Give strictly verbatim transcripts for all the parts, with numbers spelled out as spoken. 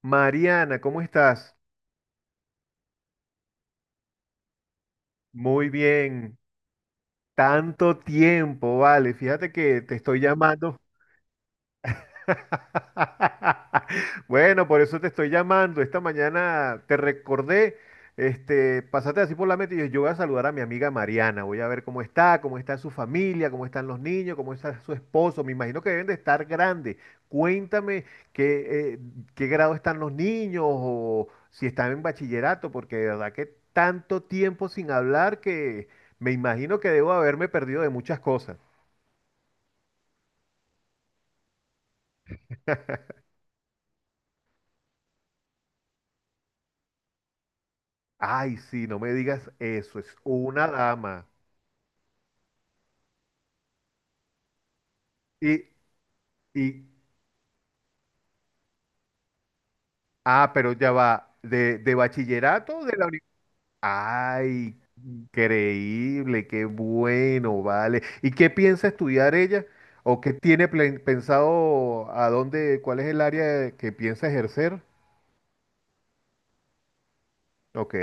Mariana, ¿cómo estás? Muy bien. Tanto tiempo, vale. Fíjate que te estoy llamando. Bueno, por eso te estoy llamando. Esta mañana te recordé, este, pasaste así por la meta y yo, yo voy a saludar a mi amiga Mariana. Voy a ver cómo está, cómo está su familia, cómo están los niños, cómo está su esposo. Me imagino que deben de estar grandes. Cuéntame qué, eh, qué grado están los niños o si están en bachillerato, porque de verdad que tanto tiempo sin hablar que me imagino que debo haberme perdido de muchas cosas. Ay, sí, no me digas eso, es una dama. Y, y, ah, pero ya va, de, de bachillerato o de la universidad. Ay, increíble, qué bueno, vale. ¿Y qué piensa estudiar ella? ¿O qué tiene plan- pensado a dónde, cuál es el área que piensa ejercer? Ok.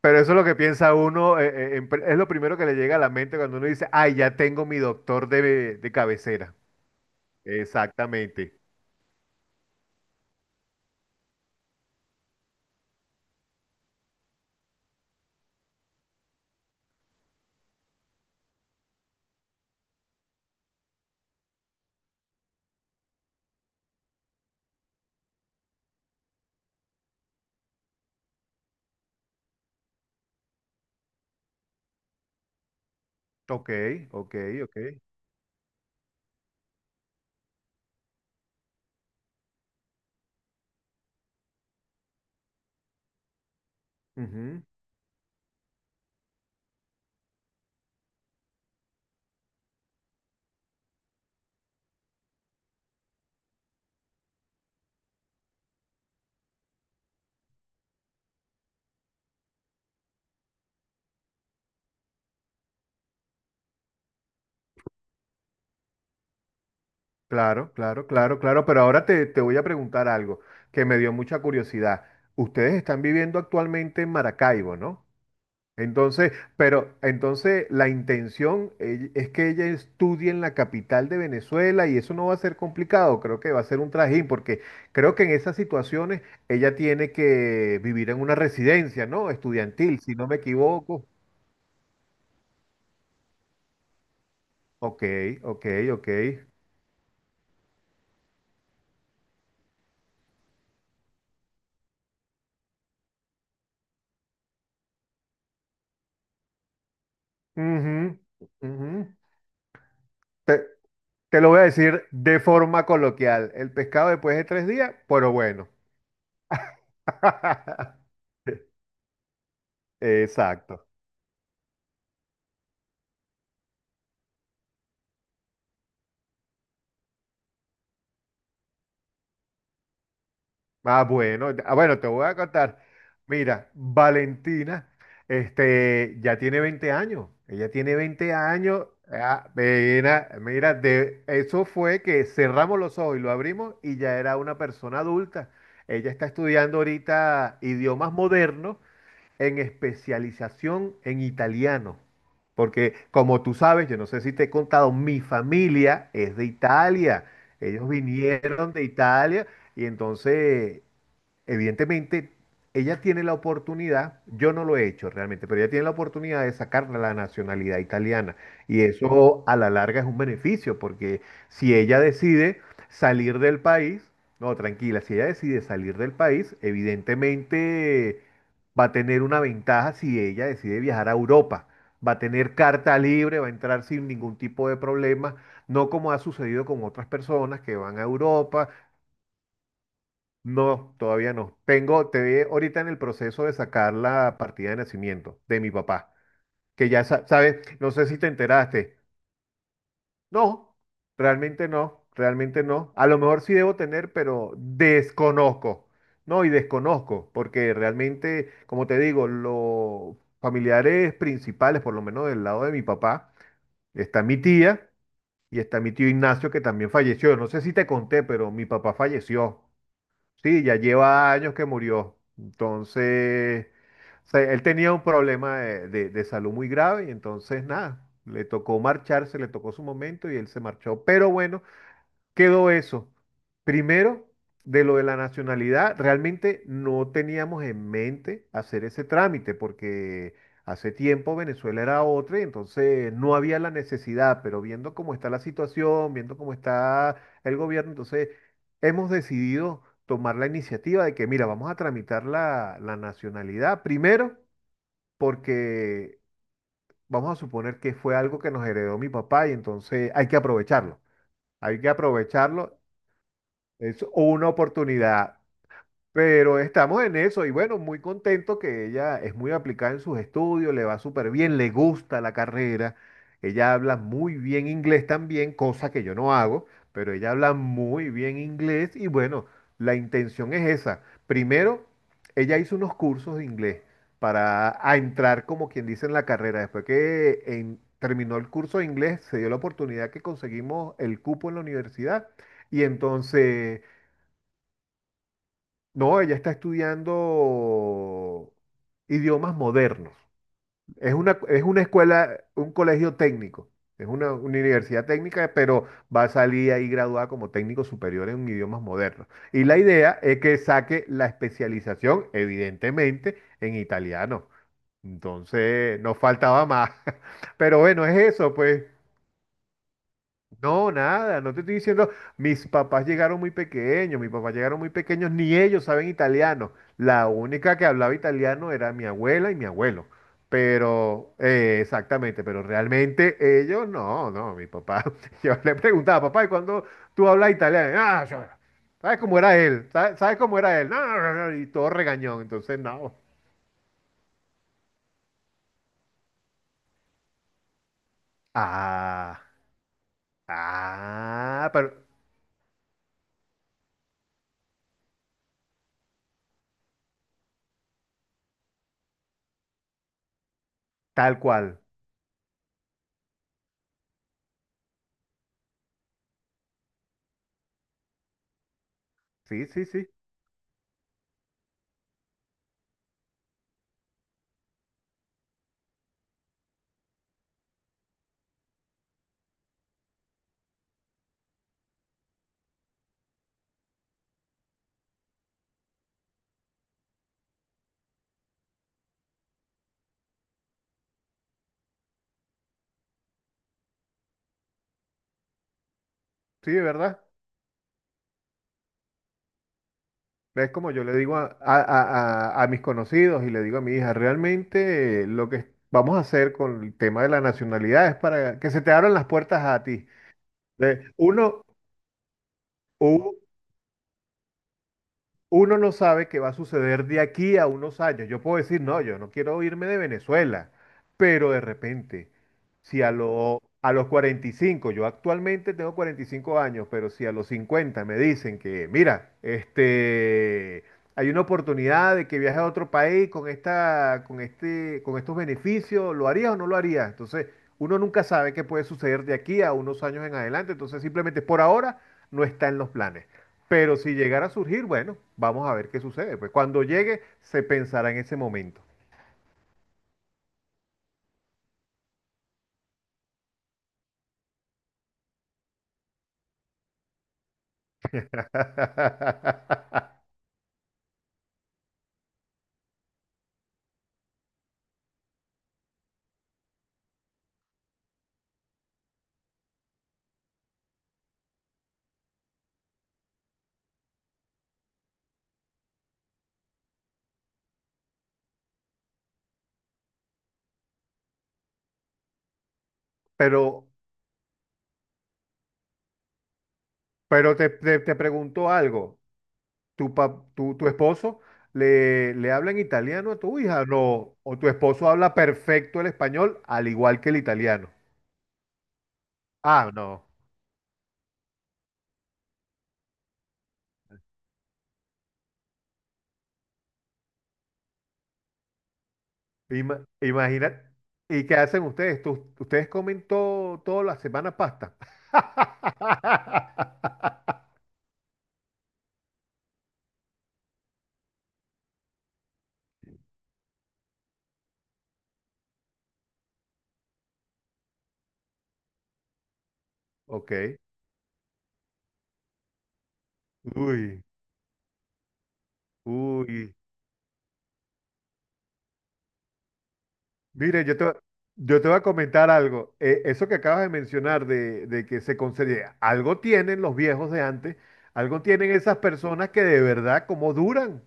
Pero eso es lo que piensa uno, eh, eh, en pr- es lo primero que le llega a la mente cuando uno dice, ay, ya tengo mi doctor de, de cabecera. Exactamente. Ok, ok, ok. Claro, claro, claro, claro, pero ahora te, te voy a preguntar algo que me dio mucha curiosidad. Ustedes están viviendo actualmente en Maracaibo, ¿no? Entonces, pero entonces la intención eh, es que ella estudie en la capital de Venezuela y eso no va a ser complicado, creo que va a ser un trajín, porque creo que en esas situaciones ella tiene que vivir en una residencia, ¿no? Estudiantil, si no me equivoco. Ok, ok, ok. Ujú, ujú. Te- Te lo voy a decir de forma coloquial. El pescado después de tres días, pero bueno. Exacto. Ah, bueno, ah, bueno, te voy a contar. Mira, Valentina, este, ya tiene veinte años. Ella tiene veinte años. Ah, mira, mira, de, eso fue que cerramos los ojos y lo abrimos y ya era una persona adulta. Ella está estudiando ahorita idiomas modernos en especialización en italiano. Porque como tú sabes, yo no sé si te he contado, mi familia es de Italia. Ellos vinieron de Italia y entonces evidentemente, ella tiene la oportunidad, yo no lo he hecho realmente, pero ella tiene la oportunidad de sacar la nacionalidad italiana. Y eso a la larga es un beneficio, porque si ella decide salir del país, no, tranquila, si ella decide salir del país, evidentemente va a tener una ventaja si ella decide viajar a Europa. Va a tener carta libre, va a entrar sin ningún tipo de problema, no como ha sucedido con otras personas que van a Europa. No, todavía no. Tengo, te ve ahorita en el proceso de sacar la partida de nacimiento de mi papá, que ya sa- sabes, no sé si te enteraste. No, realmente no, realmente no. A lo mejor sí debo tener, pero desconozco. No, y desconozco, porque realmente, como te digo, los familiares principales, por lo menos del lado de mi papá, está mi tía y está mi tío Ignacio, que también falleció. No sé si te conté, pero mi papá falleció. Sí, ya lleva años que murió. Entonces, o sea, él tenía un problema de, de- de salud muy grave y entonces nada, le tocó marcharse, le tocó su momento y él se marchó. Pero bueno, quedó eso. Primero, de lo de la nacionalidad, realmente no teníamos en mente hacer ese trámite porque hace tiempo Venezuela era otra y entonces no había la necesidad, pero viendo cómo está la situación, viendo cómo está el gobierno, entonces hemos decidido tomar la iniciativa de que, mira, vamos a tramitar la, la nacionalidad primero porque vamos a suponer que fue algo que nos heredó mi papá y entonces hay que aprovecharlo. Hay que aprovecharlo, es una oportunidad, pero estamos en eso y bueno, muy contento que ella es muy aplicada en sus estudios, le va súper bien, le gusta la carrera, ella habla muy bien inglés también, cosa que yo no hago, pero ella habla muy bien inglés y bueno, la intención es esa. Primero, ella hizo unos cursos de inglés para a entrar como quien dice en la carrera. Después que en- terminó el curso de inglés, se dio la oportunidad que conseguimos el cupo en la universidad y entonces... No, ella está estudiando idiomas modernos. Es una, es una escuela, un colegio técnico. Es una, universidad técnica, pero va a salir ahí graduada como técnico superior en idiomas modernos. Y la idea es que saque la especialización, evidentemente, en italiano. Entonces, nos faltaba más. Pero bueno, es eso, pues. No, nada, no te estoy diciendo, mis papás llegaron muy pequeños, mis papás llegaron muy pequeños, ni ellos saben italiano. La única que hablaba italiano era mi abuela y mi abuelo. Pero, eh, exactamente, pero realmente ellos no, no, mi papá. Yo le preguntaba, papá, ¿y cuándo tú hablas italiano? Ah, yo- ¿sabes cómo era él? ¿Sabes, sabes cómo era él? No, no, no, no", y todo regañón, entonces no. Ah, ah, pero tal cual. Sí, sí, sí, sí, de verdad. Es como yo le digo a, a- a- a- a mis conocidos y le digo a mi hija, realmente eh, lo que vamos a hacer con el tema de la nacionalidad es para que se te abran las puertas a ti. De- uno, u- uno no sabe qué va a suceder de aquí a unos años. Yo puedo decir, no, yo no quiero irme de Venezuela, pero de repente, si a, lo- a los cuarenta y cinco, yo actualmente tengo cuarenta y cinco años, pero si a los cincuenta me dicen que, mira, este, hay una oportunidad de que viaje a otro país con esta, con este, con estos beneficios, ¿lo harías o no lo harías? Entonces, uno nunca sabe qué puede suceder de aquí a unos años en adelante, entonces simplemente por ahora no está en los planes. Pero si llegara a surgir, bueno, vamos a ver qué sucede. Pues cuando llegue, se pensará en ese momento. Pero, pero te, te, te pregunto algo. ¿Tu, pa- tu, tu esposo le, le habla en italiano a tu hija? No. ¿O tu esposo habla perfecto el español al igual que el italiano? Ah, no. Ima- imagina. ¿Y qué hacen ustedes? ¿Tú- ¿Ustedes comen todo, toda la semana pasta? Ok. Uy, uy. Mire, yo te, va- yo te voy a comentar algo. Eh, eso que acabas de mencionar de, de que se concede, algo tienen los viejos de antes, algo tienen esas personas que de verdad, como duran.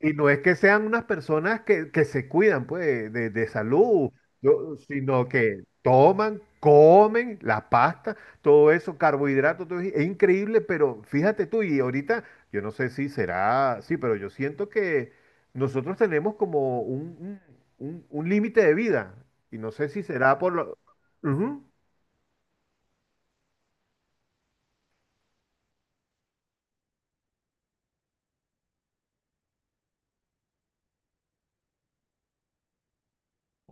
Y no es que sean unas personas que, que se cuidan, pues, de, de salud, yo- sino que toman, comen la pasta, todo eso, carbohidratos, todo, es increíble, pero fíjate tú, y ahorita, yo no sé si será, sí, pero yo siento que nosotros tenemos como un- un- un- un límite de vida, y no sé si será por lo... Ujú,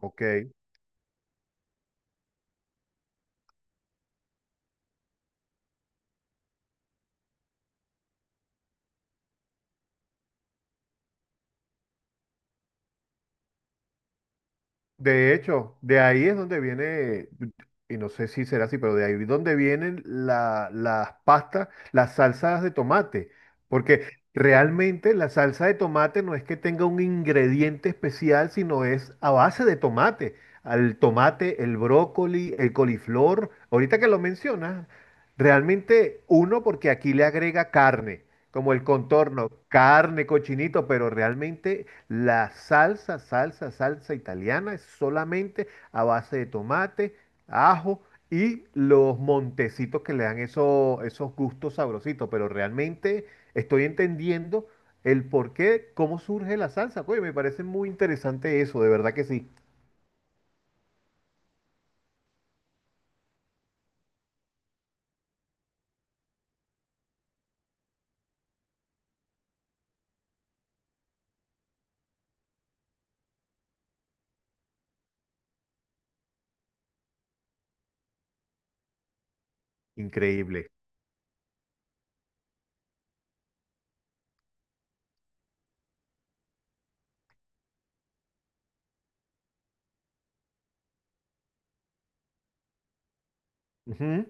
ok. De hecho, de ahí es donde viene, y no sé si será así, pero de ahí es donde vienen la- las pastas, las salsas de tomate, porque realmente la salsa de tomate no es que tenga un ingrediente especial, sino es a base de tomate. Al tomate, el brócoli, el coliflor, ahorita que lo mencionas, realmente uno porque aquí le agrega carne. Como el contorno, carne, cochinito, pero realmente la salsa, salsa, salsa italiana es solamente a base de tomate, ajo y los montecitos que le dan eso- esos gustos sabrositos. Pero realmente estoy entendiendo el por qué, cómo surge la salsa. Oye, me parece muy interesante eso, de verdad que sí. Increíble. Ujú.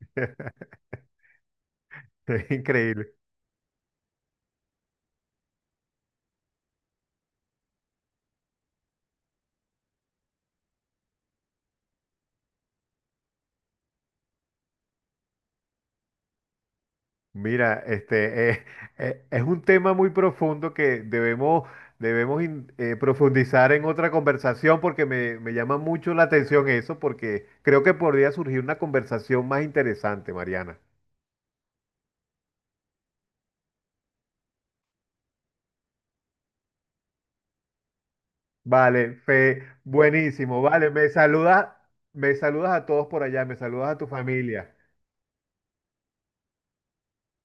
Increíble. Mira, este eh, eh, es un tema muy profundo que debemos, debemos in- eh, profundizar en otra conversación porque me, me llama mucho la atención eso, porque creo que podría surgir una conversación más interesante, Mariana. Vale, Fe, buenísimo, vale, me saludas, me saludas a todos por allá, me saludas a tu familia.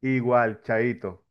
Igual, Chaito.